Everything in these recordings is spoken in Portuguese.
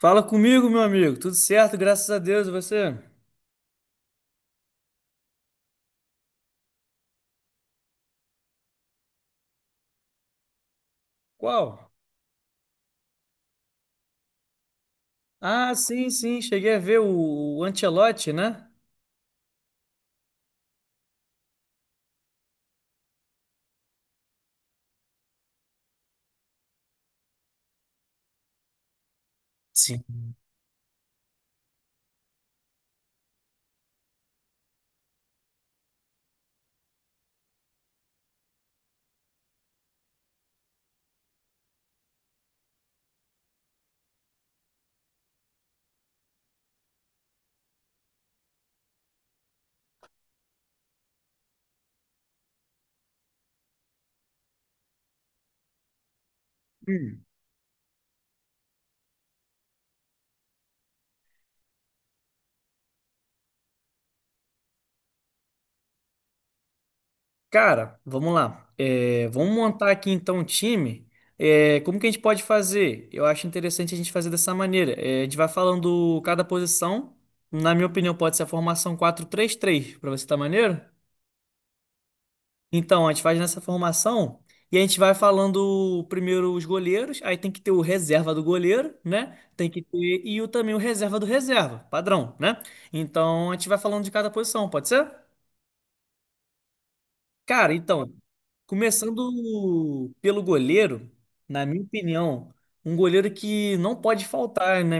Fala comigo, meu amigo. Tudo certo, graças a Deus. E você? Qual? Ah, sim, sim. Cheguei a ver o Ancelotti, né? Sim. Hum. Cara, vamos lá. É, vamos montar aqui então um time. É, como que a gente pode fazer? Eu acho interessante a gente fazer dessa maneira. É, a gente vai falando cada posição. Na minha opinião, pode ser a formação 4-3-3. Para você tá maneiro? Então, a gente faz nessa formação e a gente vai falando primeiro os goleiros, aí tem que ter o reserva do goleiro, né? Tem que ter e o também o reserva do reserva, padrão, né? Então, a gente vai falando de cada posição, pode ser? Cara, então, começando pelo goleiro, na minha opinião, um goleiro que não pode faltar, né?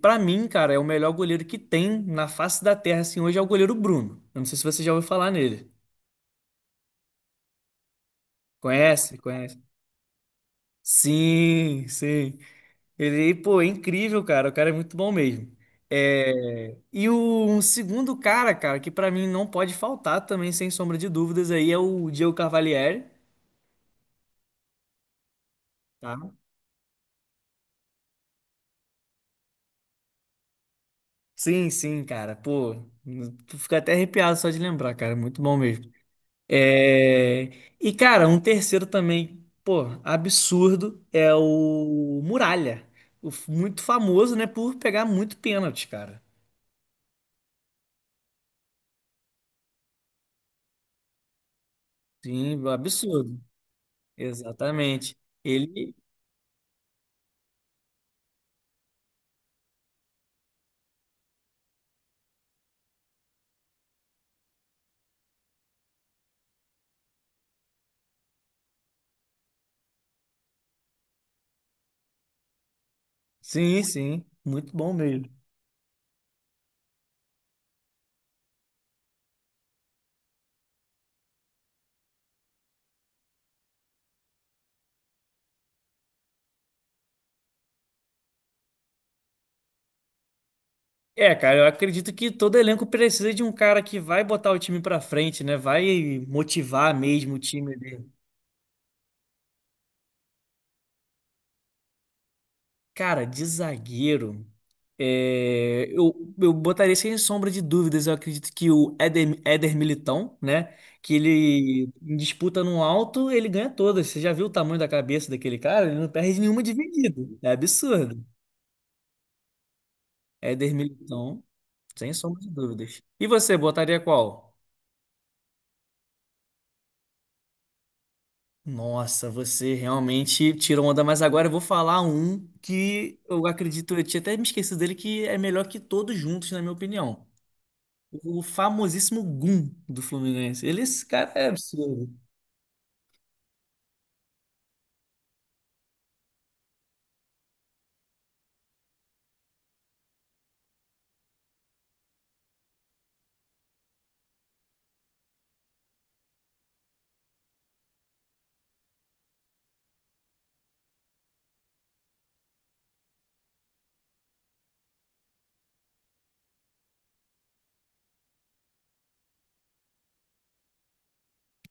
Para mim, cara, é o melhor goleiro que tem na face da terra, assim, hoje é o goleiro Bruno. Eu não sei se você já ouviu falar nele. Conhece? Conhece? Sim, sim. Ele, pô, é incrível, cara. O cara é muito bom mesmo. E o um segundo cara, cara, que pra mim não pode faltar também, sem sombra de dúvidas, aí é o Diego Cavalieri, tá? Sim, sim, cara. Pô, tu fica até arrepiado só de lembrar, cara. Muito bom mesmo. É... E, cara, um terceiro também, pô, absurdo, é o Muralha. O f- muito famoso, né, por pegar muito pênalti, cara. Sim, absurdo. Exatamente. Ele, sim, sim, muito bom mesmo. É, cara, eu acredito que todo elenco precisa de um cara que vai botar o time pra frente, né? Vai motivar mesmo o time dele. Cara, de zagueiro, é, eu botaria sem sombra de dúvidas. Eu acredito que o Éder, Éder Militão, né? Que ele em disputa no alto, ele ganha todas. Você já viu o tamanho da cabeça daquele cara? Ele não perde nenhuma dividida. É absurdo. Éder Militão. Sem sombra de dúvidas. E você, botaria qual? Nossa, você realmente tirou onda, mas agora eu vou falar um que eu acredito, eu tinha até me esquecido dele, que é melhor que todos juntos, na minha opinião. O famosíssimo Gum do Fluminense. Ele, esse cara é absurdo.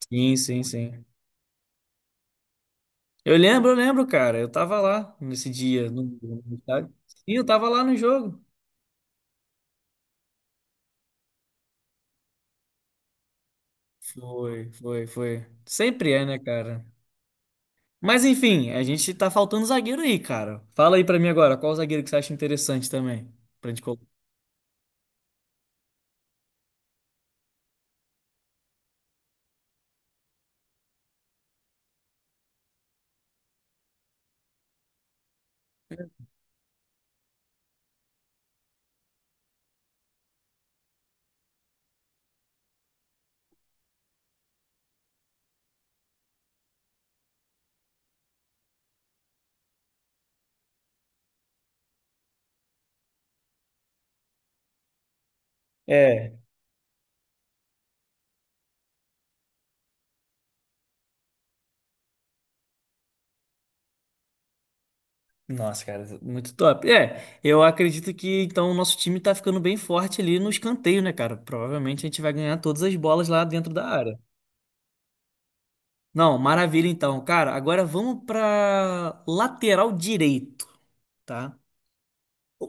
Sim, sim, sim. Eu lembro, cara. Eu tava lá nesse dia no estádio. Sim, eu tava lá no jogo. Foi, foi, foi. Sempre é, né, cara? Mas enfim, a gente tá faltando zagueiro aí, cara. Fala aí pra mim agora, qual zagueiro que você acha interessante também? Pra gente colocar. É. Nossa, cara, muito top. É, eu acredito que então o nosso time tá ficando bem forte ali no escanteio, né, cara? Provavelmente a gente vai ganhar todas as bolas lá dentro da área. Não, maravilha então. Cara, agora vamos pra lateral direito, tá?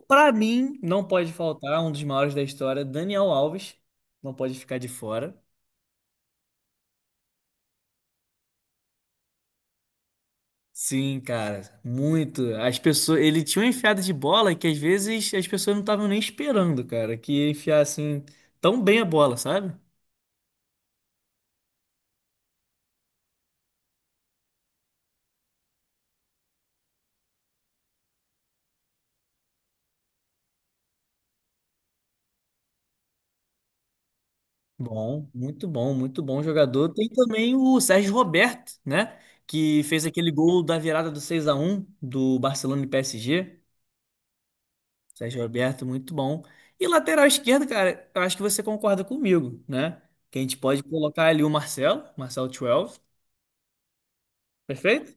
Pra mim, não pode faltar um dos maiores da história, Daniel Alves. Não pode ficar de fora. Sim, cara, muito. As pessoas, ele tinha uma enfiada de bola que às vezes as pessoas não estavam nem esperando, cara, que ia enfiar assim tão bem a bola, sabe? Bom, muito bom, muito bom jogador. Tem também o Sérgio Roberto, né, que fez aquele gol da virada do 6-1 do Barcelona e PSG. Sérgio Roberto, muito bom. E lateral esquerdo, cara, eu acho que você concorda comigo, né? Que a gente pode colocar ali o Marcelo, Marcelo 12, perfeito?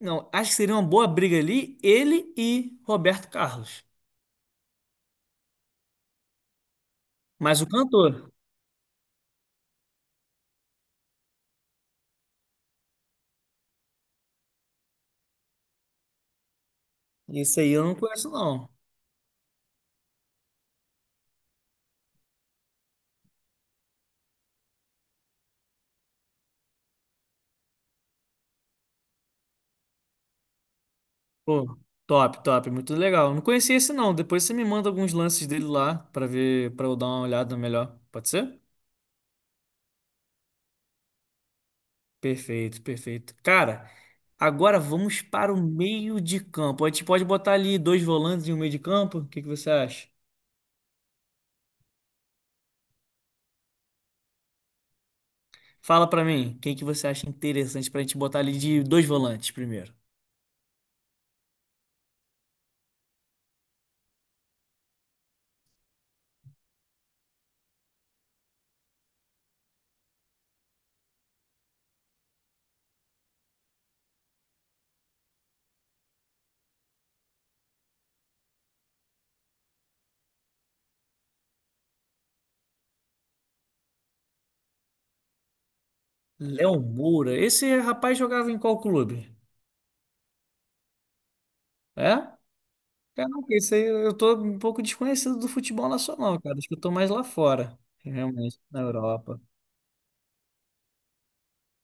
Não, acho que seria uma boa briga ali, ele e Roberto Carlos. Mas o cantor, esse aí eu não conheço, não. Pô, top, top, muito legal. Não conhecia esse, não. Depois você me manda alguns lances dele lá pra ver, pra eu dar uma olhada melhor. Pode ser? Perfeito, perfeito. Cara, agora vamos para o meio de campo. A gente pode botar ali dois volantes e um meio de campo? O que que você acha? Fala pra mim, quem que você acha interessante pra gente botar ali de dois volantes primeiro? Léo Moura, esse rapaz jogava em qual clube? É? Caraca, isso aí eu tô um pouco desconhecido do futebol nacional, cara. Acho que eu tô mais lá fora, realmente, na Europa.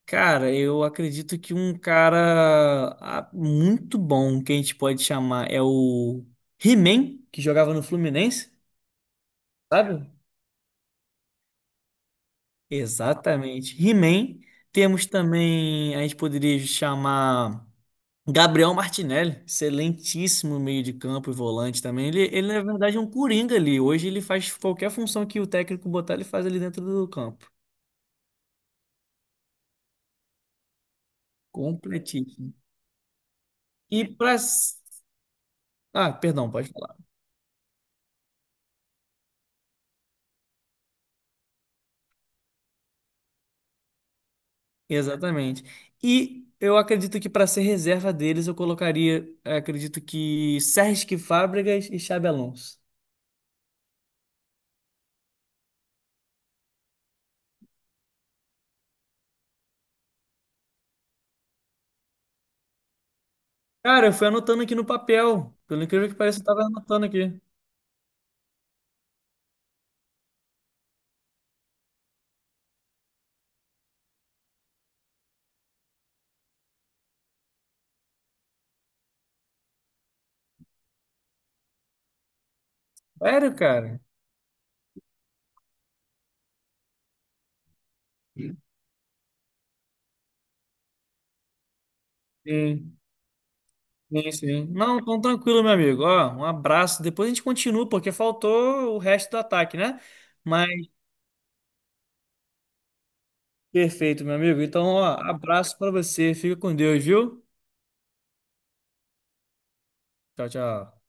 Cara, eu acredito que um cara muito bom que a gente pode chamar é o He-Man, que jogava no Fluminense, sabe? Exatamente. He-Man. Temos também, a gente poderia chamar. Gabriel Martinelli, excelentíssimo meio de campo e volante também. Ele, na verdade, é um coringa ali. Hoje ele faz qualquer função que o técnico botar, ele faz ali dentro do campo. Completíssimo. E para. Ah, perdão, pode falar. Exatamente. E eu acredito que para ser reserva deles, eu colocaria, eh, acredito que Sérgio Fábregas e Xabi Alonso. Cara, eu fui anotando aqui no papel. Pelo incrível que pareça, eu tava anotando aqui. Sério, cara? Sim. Sim, sim. Não, então tranquilo, meu amigo. Ó, um abraço. Depois a gente continua, porque faltou o resto do ataque, né? Mas perfeito, meu amigo. Então, ó, abraço pra você. Fica com Deus, viu? Tchau, tchau.